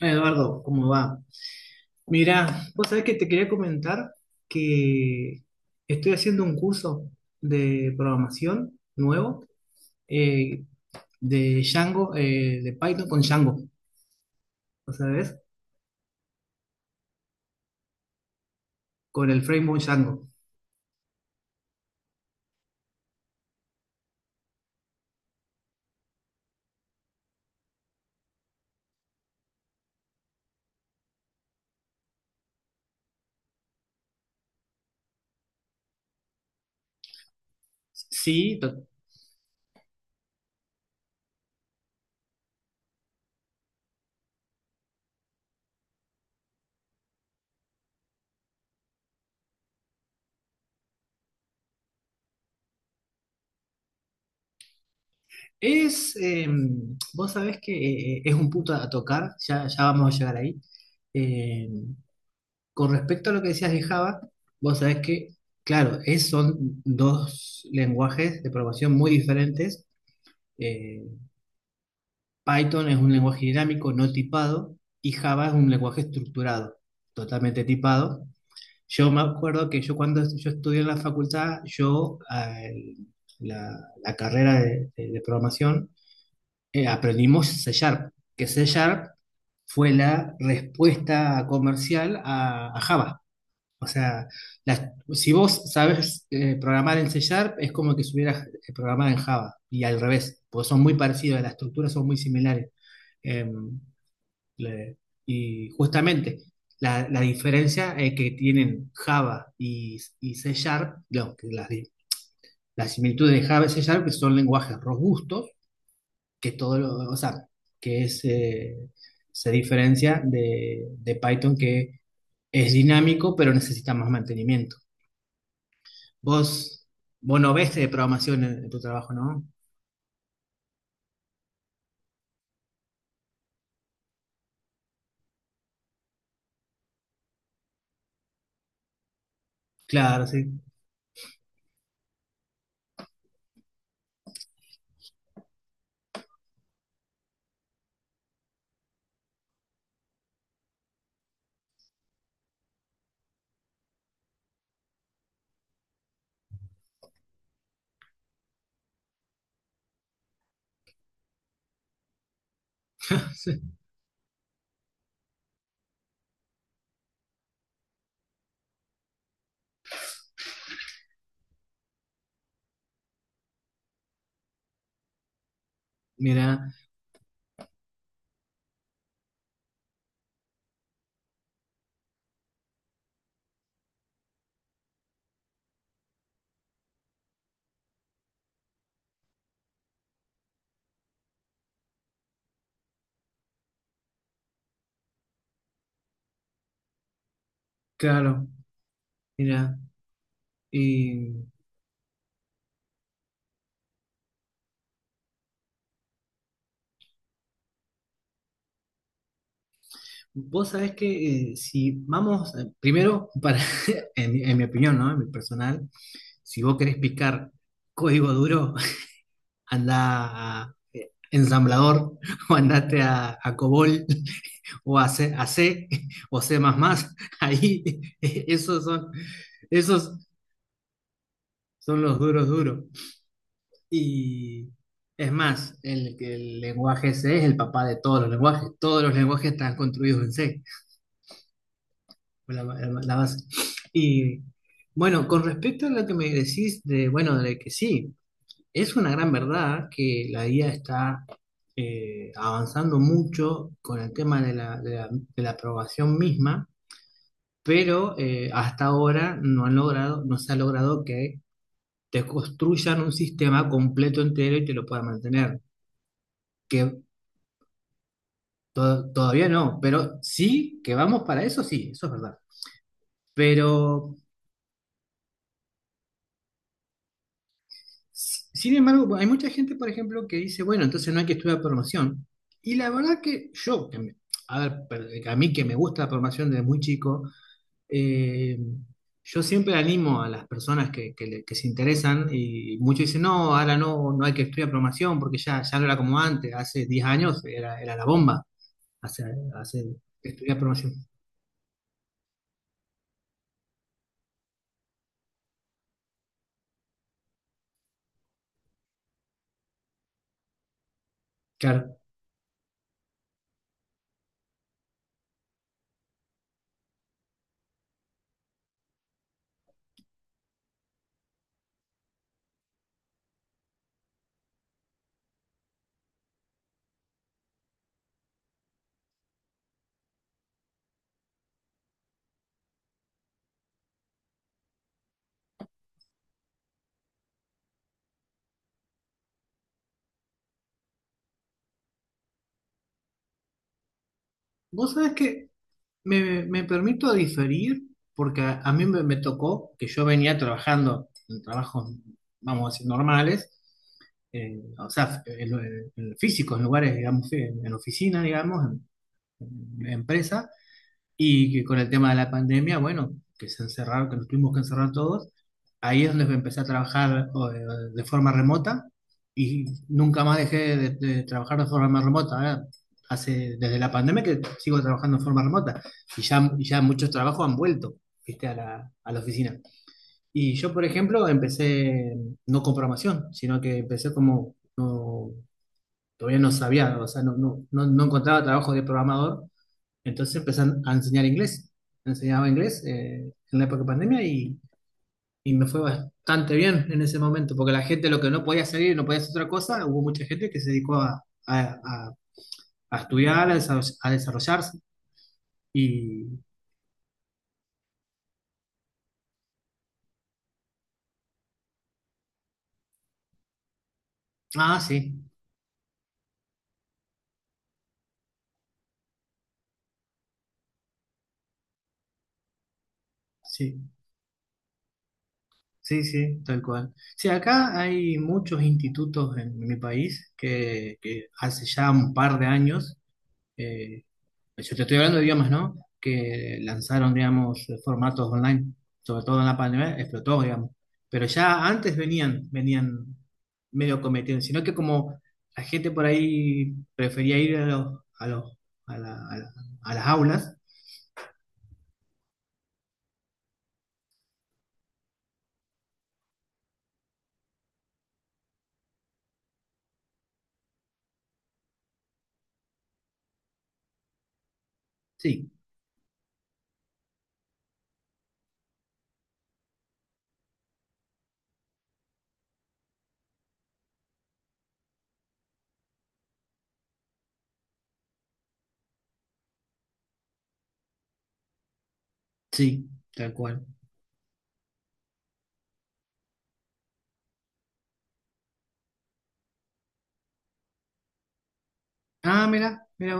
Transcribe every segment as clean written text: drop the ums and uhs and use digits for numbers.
Eduardo, ¿cómo va? Mira, vos sabés que te quería comentar que estoy haciendo un curso de programación nuevo, eh, de Django, de Python con Django, ¿lo sabés? Con el framework Django. Sí, es, vos sabés que es un punto a tocar, ya vamos a llegar ahí. Eh, con respecto a lo que decías de Java, vos sabés que, claro, es, son dos lenguajes de programación muy diferentes. Eh, Python es un lenguaje dinámico no tipado y Java es un lenguaje estructurado, totalmente tipado. Yo me acuerdo que yo cuando yo estudié en la facultad, yo la, la carrera de, de programación, aprendimos C Sharp, que C Sharp fue la respuesta comercial a Java. O sea, las- si vos sabes programar en C Sharp, es como que supieras programar en Java, y al revés, porque son muy parecidos, las estructuras son muy similares. Em, le- y justamente la diferencia que tienen Java y C Sharp, lo que las similitudes de Java y C Sharp, que son lenguajes robustos, que todo lo, o sea, que es, se diferencia de Python, que es dinámico pero necesita más mantenimiento. Vos, vos no ves de programación en tu trabajo, ¿no? Claro, sí. Mira, claro, mira. Y vos sabés que si vamos, primero, para, en mi opinión, ¿no? En mi personal, si vos querés picar código duro, anda a ensamblador o andate a COBOL o a C o C++. Ahí, esos son, esos son los duros duros. Y es más, el lenguaje C es el papá de todos los lenguajes. Todos los lenguajes están construidos en C. La base. Y bueno, con respecto a lo que me decís de, bueno, de que sí, es una gran verdad que la IA está avanzando mucho con el tema de de la aprobación misma, pero hasta ahora no han logrado, no se ha logrado que te construyan un sistema completo entero y te lo puedan mantener. Que todavía no, pero sí que vamos para eso, sí, eso es verdad. Pero Sin embargo, hay mucha gente, por ejemplo, que dice, bueno, entonces no hay que estudiar programación. Y la verdad que a ver, a mí que me gusta la programación desde muy chico, eh, yo siempre animo a las personas que se interesan, y muchos dicen, no, ahora no, no hay que estudiar programación porque ya no era como antes, hace 10 años era, era la bomba, hacer, hacer, estudiar programación. Claro. Vos sabés que me permito diferir porque a mí me tocó que yo venía trabajando en trabajos, vamos a decir, normales, o sea, en físicos, en lugares, digamos, en oficina, digamos, en empresa, y que con el tema de la pandemia, bueno, que se encerraron, que nos tuvimos que encerrar todos, ahí es donde empecé a trabajar o, de forma remota, y nunca más dejé de trabajar de forma remota, ¿eh? Hace, desde la pandemia que sigo trabajando de forma remota, y ya muchos trabajos han vuelto, ¿viste? A la oficina. Y yo, por ejemplo, empecé no con programación, sino que empecé como, no, todavía no sabía, o sea, no encontraba trabajo de programador, entonces empecé a enseñar inglés. Enseñaba inglés en la época de pandemia, y me fue bastante bien en ese momento, porque la gente lo que no podía salir, no podía hacer otra cosa, hubo mucha gente que se dedicó a estudiar, a, a desarrollarse. Y, ah, sí, sí, sí, sí, tal cual. Sí, acá hay muchos institutos en, mi país que hace ya un par de años. eh, Pues yo te estoy hablando de idiomas, ¿no? Que lanzaron, digamos, formatos online, sobre todo en la pandemia, explotó, digamos. Pero ya antes venían, venían medio cometiendo, sino que como la gente por ahí prefería ir a los, a los, a la- a la- a las aulas, sí, sí, tal cual. Ah, mira, mira.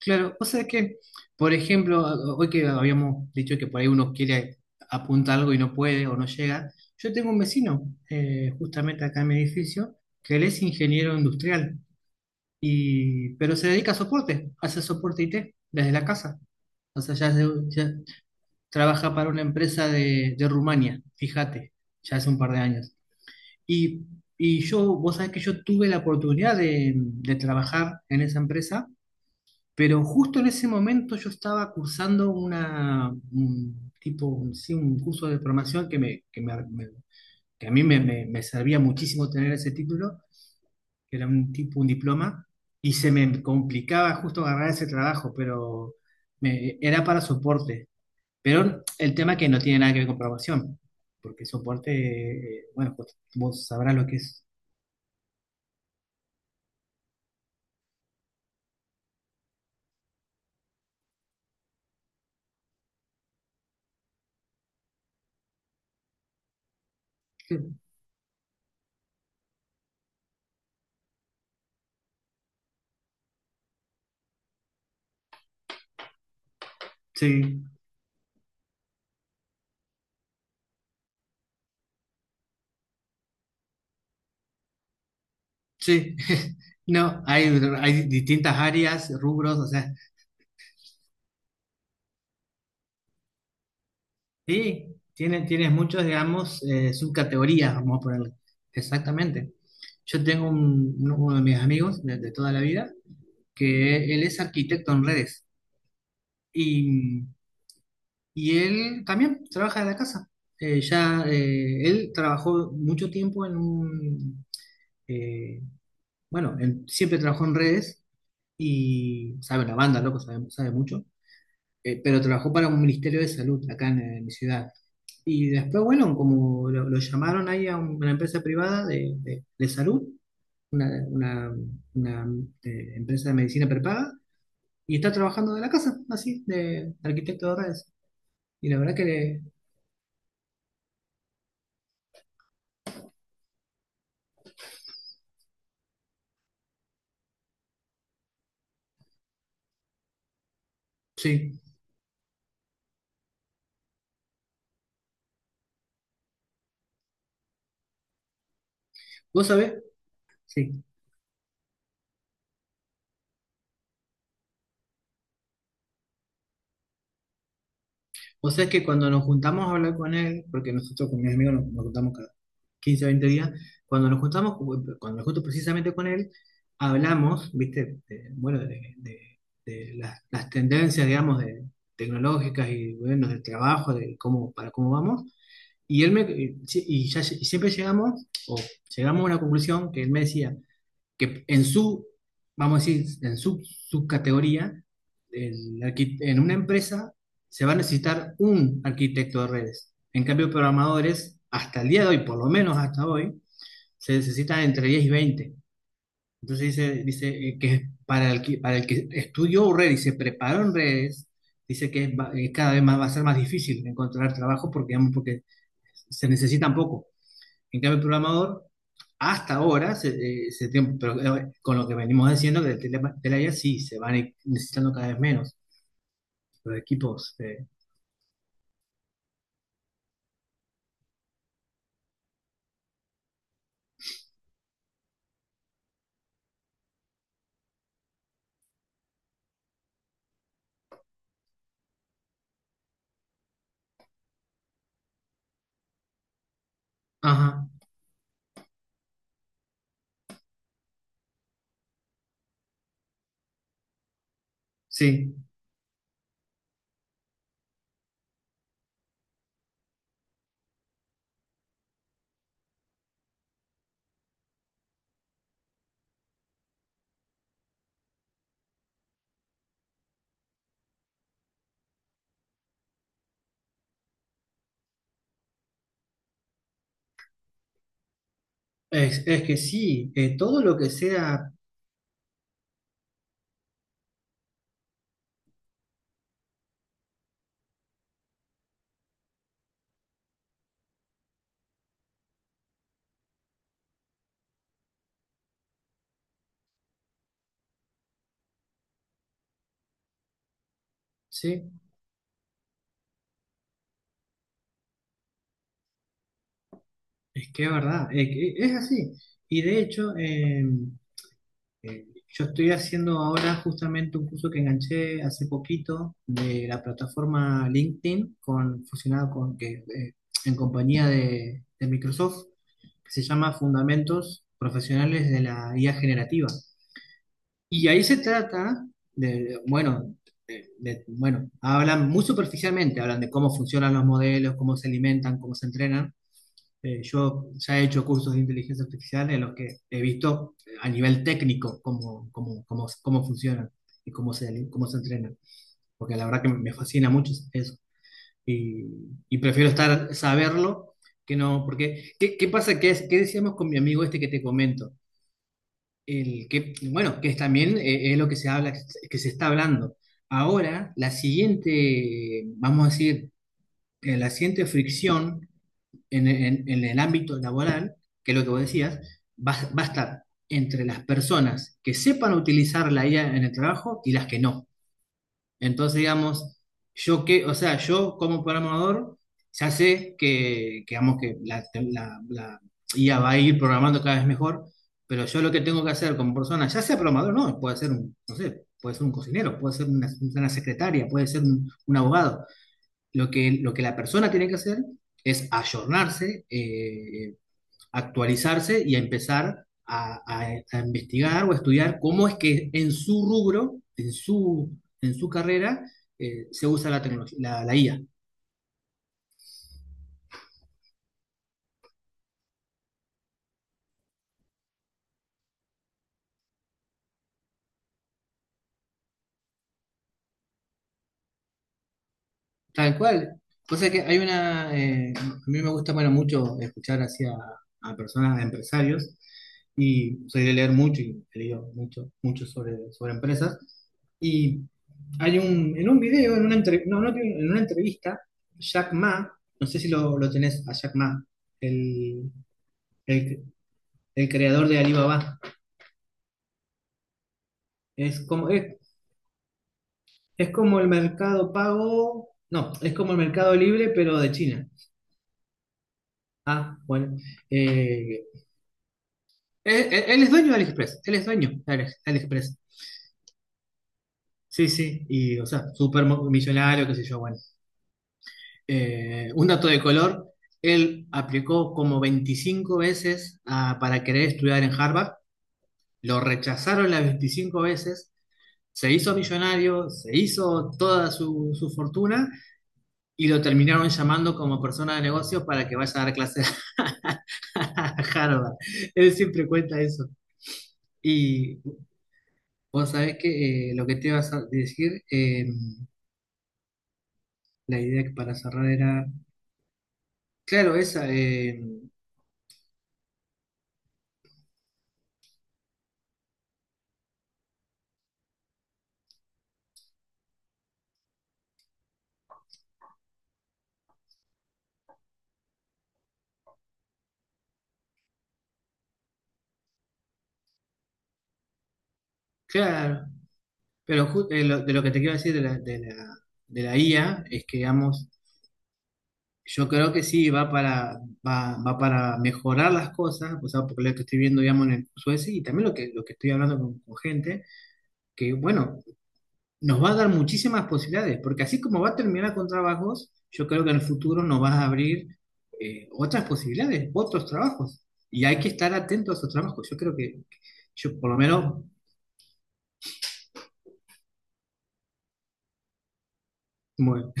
Claro, o sea que, por ejemplo, hoy que habíamos dicho que por ahí uno quiere apuntar algo y no puede o no llega, yo tengo un vecino, justamente acá en mi edificio, que él es ingeniero industrial, y, pero se dedica a soporte, hace soporte IT desde la casa. O sea, ya, ya trabaja para una empresa de Rumania, fíjate, ya hace un par de años. Y, y yo, vos sabés que yo tuve la oportunidad de trabajar en esa empresa, pero justo en ese momento yo estaba cursando una, un tipo, sí, un curso de formación que a mí me servía muchísimo tener ese título, que era un tipo, un diploma, y se me complicaba justo agarrar ese trabajo, pero era para soporte. Pero el tema que no tiene nada que ver con programación, porque soporte, bueno, pues vos sabrás lo que es. Sí, sí. No, hay distintas áreas, rubros, o sea. Sí, tienes, tienes muchos, digamos, subcategorías, vamos a ponerle. Exactamente. Yo tengo uno, uno de mis amigos de toda la vida, que él es arquitecto en redes y, y él también trabaja de la casa. Ya, él trabajó mucho tiempo en un, eh, bueno, siempre trabajó en redes y sabe la banda, loco, sabe, sabe mucho, pero trabajó para un ministerio de salud acá en mi ciudad. Y después, bueno, como lo llamaron ahí a una empresa privada de, de salud, una, una, empresa de medicina prepaga, y está trabajando de la casa, así, de arquitecto de redes. Y la verdad que le, sí, vos sabés, sí, o sea, es que cuando nos juntamos a hablar con él, porque nosotros con mis amigos nos, nos juntamos cada 15 o 20 días, cuando nos juntamos, cuando me junto precisamente con él, hablamos, viste, bueno, de, de las tendencias, digamos, de, tecnológicas y, bueno, del trabajo, de cómo, para cómo vamos. Y él me, y, y siempre llegamos, o llegamos a una conclusión que él me decía, que en su, vamos a decir, en su subcategoría, en una empresa se va a necesitar un arquitecto de redes. En cambio, programadores, hasta el día de hoy, por lo menos hasta hoy, se necesitan entre 10 y 20. Entonces dice, dice que para el que, para el que estudió redes y se preparó en redes, dice que cada vez más va a ser más difícil encontrar trabajo porque, digamos, porque se necesitan poco. En cambio, el programador, hasta ahora, se, pero, con lo que venimos diciendo, que Telaya sí, se van necesitando cada vez menos los equipos. Ajá, sí. Es que sí, todo lo que sea, sí, es que es verdad, que es, así. Y de hecho, eh, yo estoy haciendo ahora justamente un curso que enganché hace poquito de la plataforma LinkedIn, con, fusionado con que, en compañía de Microsoft, que se llama Fundamentos Profesionales de la IA Generativa. Y ahí se trata de, bueno, bueno, hablan muy superficialmente, hablan de cómo funcionan los modelos, cómo se alimentan, cómo se entrenan. Yo ya he hecho cursos de inteligencia artificial en los que he visto a nivel técnico cómo funcionan y cómo se entrenan, porque la verdad que me fascina mucho eso. Y, y prefiero estar, saberlo que no, porque ¿qué, qué pasa? ¿Qué, qué decíamos con mi amigo este que te comento? El que, bueno, que es también es lo que se habla, que se está hablando. Ahora, la siguiente, vamos a decir, la siguiente fricción en, en el ámbito laboral, que es lo que vos decías, va, va a estar entre las personas que sepan utilizar la IA en el trabajo y las que no. Entonces, digamos, yo que, o sea, yo como programador, ya sé que, digamos, que la, la IA va a ir programando cada vez mejor, pero yo lo que tengo que hacer como persona, ya sea programador, no, puede ser un, no sé, puede ser un cocinero, puede ser una secretaria, puede ser un abogado. Lo que la persona tiene que hacer es ayornarse, actualizarse y a empezar a, a investigar o a estudiar cómo es que en su rubro, en su carrera, se usa la tecnología, la, la IA. Tal cual. Cosa que hay una, a mí me gusta bueno, mucho escuchar hacia a personas, a empresarios, y soy de leer mucho y he leído mucho, mucho sobre, sobre empresas. Y hay un, en un video, en una, entre- no, no, en una entrevista, Jack Ma, no sé si lo, lo tenés a Jack Ma, el, el creador de Alibaba. Es como, es, es como el mercado pago, no, es como el mercado libre, pero de China. Ah, bueno. Eh, él es dueño de AliExpress, él es dueño de AliExpress. Sí, sí, y o sea, millonario, qué sé yo, bueno. Un dato de color, él aplicó como 25 veces ah, para querer estudiar en Harvard, lo rechazaron las 25 veces, se hizo millonario, se hizo toda su, su fortuna, y lo terminaron llamando como persona de negocios para que vaya a dar clases a Harvard. Él siempre cuenta eso. Y vos sabés que lo que te ibas a decir, la idea que para cerrar era, claro, esa, claro, pero de lo que te quiero decir de la, de la, de la IA es que, digamos, yo creo que sí, va para, va, va para mejorar las cosas, o sea, porque lo que estoy viendo, digamos, en el curso ese, y también lo que estoy hablando con gente, que, bueno, nos va a dar muchísimas posibilidades, porque así como va a terminar con trabajos, yo creo que en el futuro nos va a abrir otras posibilidades, otros trabajos. Y hay que estar atento a esos trabajos. Yo creo que yo por lo menos... Bueno,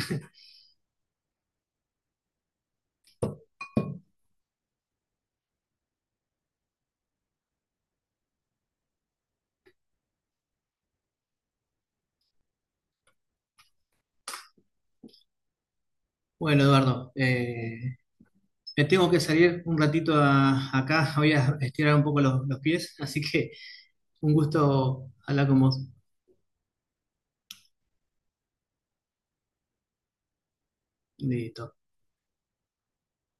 bueno Eduardo, me tengo que salir un ratito acá, voy a estirar un poco los pies, así que un gusto hablar con vos. Listo,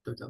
chau, chau.